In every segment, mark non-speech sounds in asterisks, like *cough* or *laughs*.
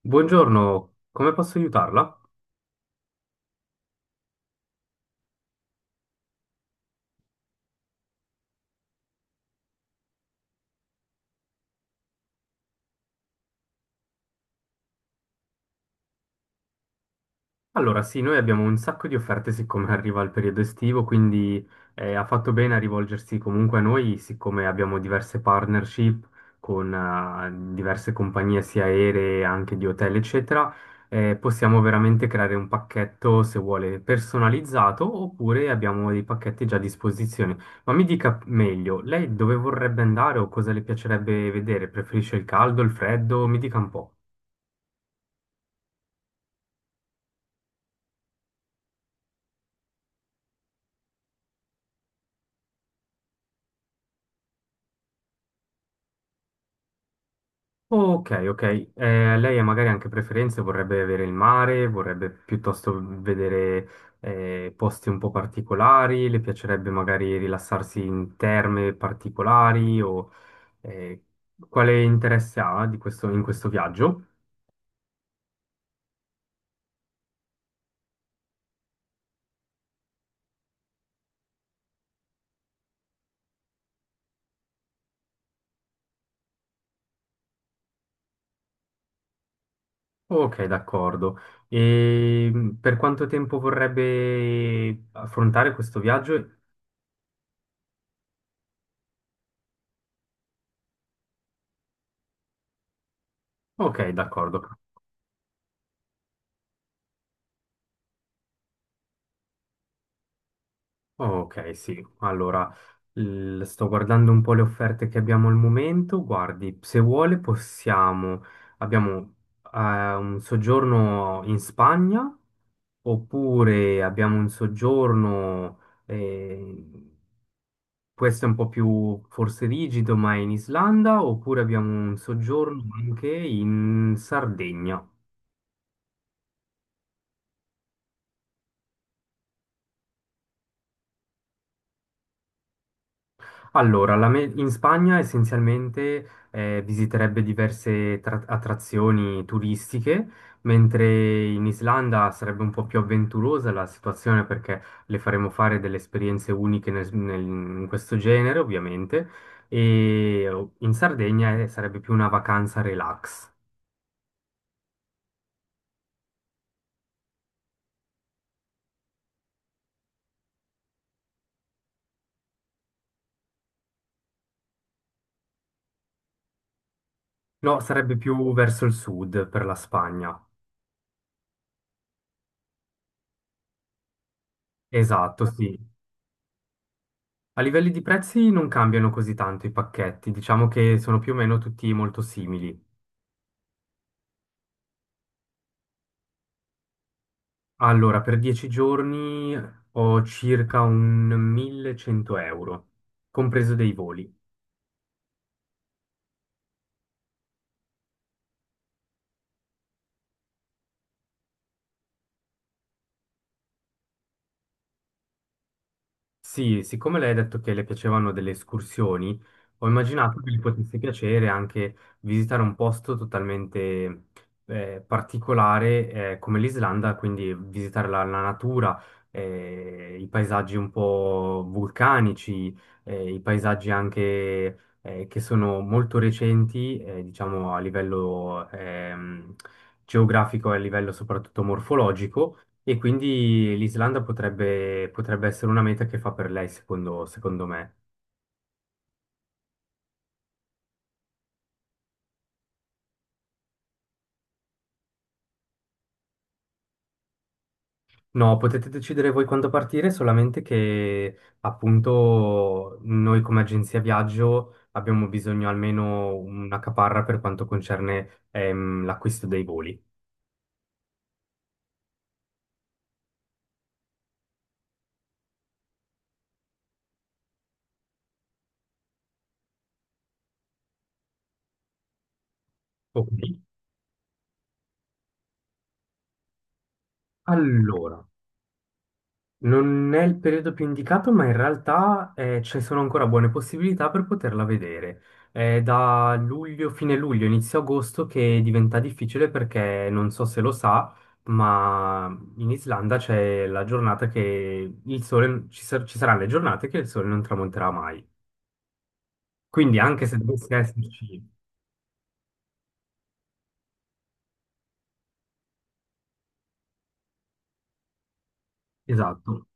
Buongiorno, come posso aiutarla? Allora, sì, noi abbiamo un sacco di offerte siccome *laughs* arriva il periodo estivo, quindi ha fatto bene a rivolgersi comunque a noi, siccome abbiamo diverse partnership con diverse compagnie sia aeree, anche di hotel, eccetera, possiamo veramente creare un pacchetto, se vuole, personalizzato, oppure abbiamo dei pacchetti già a disposizione. Ma mi dica meglio, lei dove vorrebbe andare o cosa le piacerebbe vedere? Preferisce il caldo, il freddo? Mi dica un po'. Ok, ok. Lei ha magari anche preferenze, vorrebbe avere il mare, vorrebbe piuttosto vedere posti un po' particolari, le piacerebbe magari rilassarsi in terme particolari o eh, quale interesse ha di in questo viaggio? Ok, d'accordo. E per quanto tempo vorrebbe affrontare questo viaggio? Ok, d'accordo. Ok, sì. Allora, sto guardando un po' le offerte che abbiamo al momento. Guardi, se vuole possiamo. Abbiamo un soggiorno in Spagna, oppure abbiamo un soggiorno, eh, questo è un po' più forse rigido, ma è in Islanda, oppure abbiamo un soggiorno anche in Sardegna. Allora, in Spagna essenzialmente visiterebbe diverse attrazioni turistiche, mentre in Islanda sarebbe un po' più avventurosa la situazione perché le faremo fare delle esperienze uniche in questo genere, ovviamente, e in Sardegna sarebbe più una vacanza relax. No, sarebbe più verso il sud per la Spagna. Esatto, sì. A livelli di prezzi non cambiano così tanto i pacchetti, diciamo che sono più o meno tutti molto simili. Allora, per 10 giorni ho circa un 1100 euro, compreso dei voli. Sì, siccome lei ha detto che le piacevano delle escursioni, ho immaginato che gli potesse piacere anche visitare un posto totalmente particolare come l'Islanda, quindi visitare la natura, i paesaggi un po' vulcanici, i paesaggi anche che sono molto recenti, diciamo a livello geografico e a livello soprattutto morfologico. E quindi l'Islanda potrebbe, potrebbe essere una meta che fa per lei, secondo, secondo me. No, potete decidere voi quando partire, solamente che appunto noi come agenzia viaggio abbiamo bisogno almeno una caparra per quanto concerne l'acquisto dei voli. Ok, allora. Non è il periodo più indicato, ma in realtà ci sono ancora buone possibilità per poterla vedere. È da luglio, fine luglio, inizio agosto che diventa difficile perché non so se lo sa, ma in Islanda c'è la giornata che il sole, ci saranno le giornate che il sole non tramonterà mai. Quindi anche se dovesse esserci. Esatto.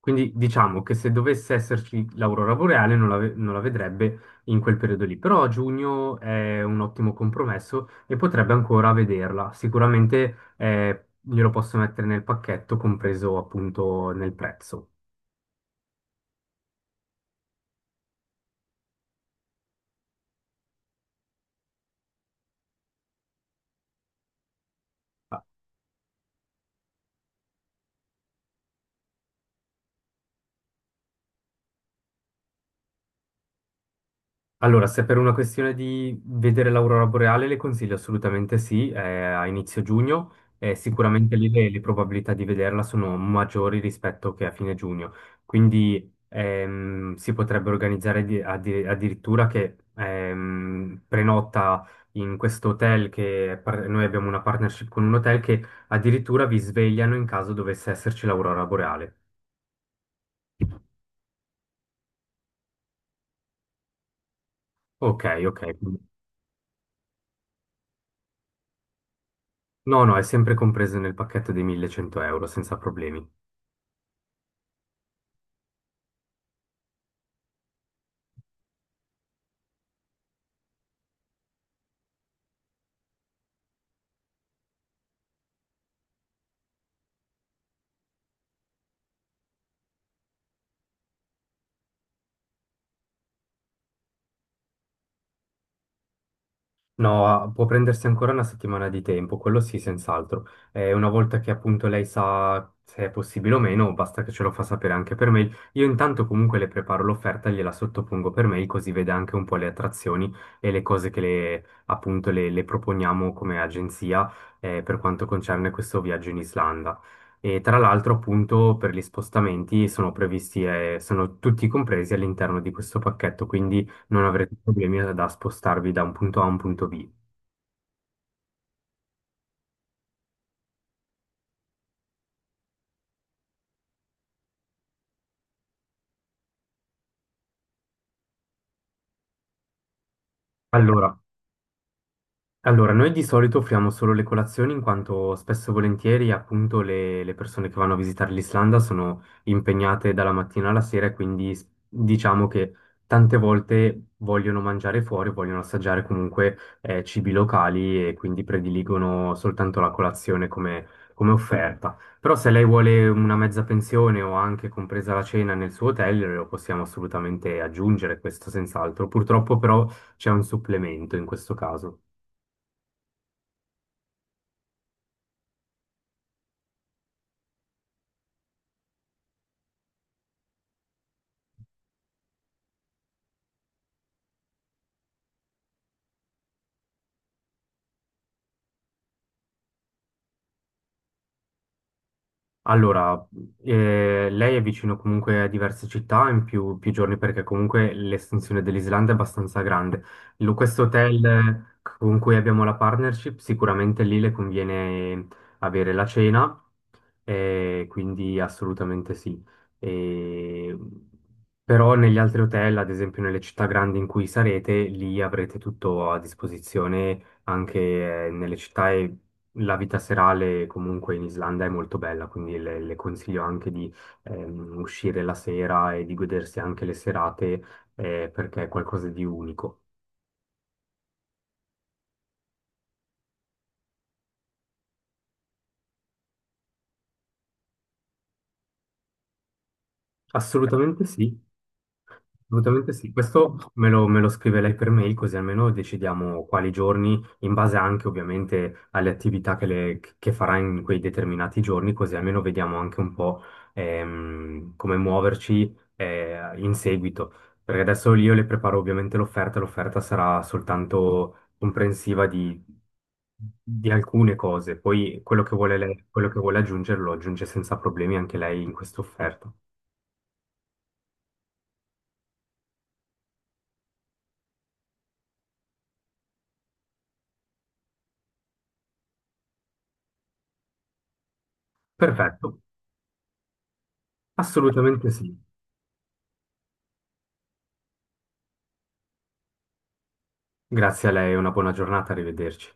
Quindi diciamo che se dovesse esserci l'aurora boreale non la vedrebbe in quel periodo lì, però a giugno è un ottimo compromesso e potrebbe ancora vederla. Sicuramente glielo posso mettere nel pacchetto, compreso appunto nel prezzo. Allora, se per una questione di vedere l'aurora boreale, le consiglio assolutamente sì, a inizio giugno, sicuramente lì le probabilità di vederla sono maggiori rispetto che a fine giugno, quindi si potrebbe organizzare addirittura che prenota in questo hotel che noi abbiamo una partnership con un hotel che addirittura vi svegliano in caso dovesse esserci l'aurora boreale. Ok, ok. No, no, è sempre compreso nel pacchetto dei 1100 euro, senza problemi. No, può prendersi ancora una settimana di tempo, quello sì, senz'altro. Una volta che appunto lei sa se è possibile o meno, basta che ce lo fa sapere anche per mail. Io intanto comunque le preparo l'offerta, e gliela sottopongo per mail, così vede anche un po' le attrazioni e le cose che appunto le proponiamo come agenzia per quanto concerne questo viaggio in Islanda. E tra l'altro appunto per gli spostamenti sono previsti, sono tutti compresi all'interno di questo pacchetto, quindi non avrete problemi da spostarvi da un punto A a un punto B. Allora, Allora, noi di solito offriamo solo le colazioni in quanto spesso e volentieri appunto le persone che vanno a visitare l'Islanda sono impegnate dalla mattina alla sera e quindi diciamo che tante volte vogliono mangiare fuori, vogliono assaggiare comunque cibi locali e quindi prediligono soltanto la colazione come, offerta. Però se lei vuole una mezza pensione o anche compresa la cena nel suo hotel, lo possiamo assolutamente aggiungere, questo senz'altro. Purtroppo però c'è un supplemento in questo caso. Allora, lei è vicino comunque a diverse città in più, più giorni perché comunque l'estensione dell'Islanda è abbastanza grande. Questo hotel con cui abbiamo la partnership, sicuramente lì le conviene avere la cena, quindi assolutamente sì. E- però negli altri hotel, ad esempio nelle città grandi in cui sarete, lì avrete tutto a disposizione anche nelle città la vita serale comunque in Islanda è molto bella, quindi le consiglio anche di uscire la sera e di godersi anche le serate perché è qualcosa di unico. Assolutamente sì. Assolutamente sì, questo me lo scrive lei per mail così almeno decidiamo quali giorni, in base anche ovviamente alle attività che farà in quei determinati giorni, così almeno vediamo anche un po' come muoverci in seguito. Perché adesso io le preparo ovviamente l'offerta, l'offerta sarà soltanto comprensiva di alcune cose, poi quello che vuole aggiungere lo aggiunge senza problemi anche lei in questa offerta. Perfetto, assolutamente sì. Grazie a lei, una buona giornata, arrivederci.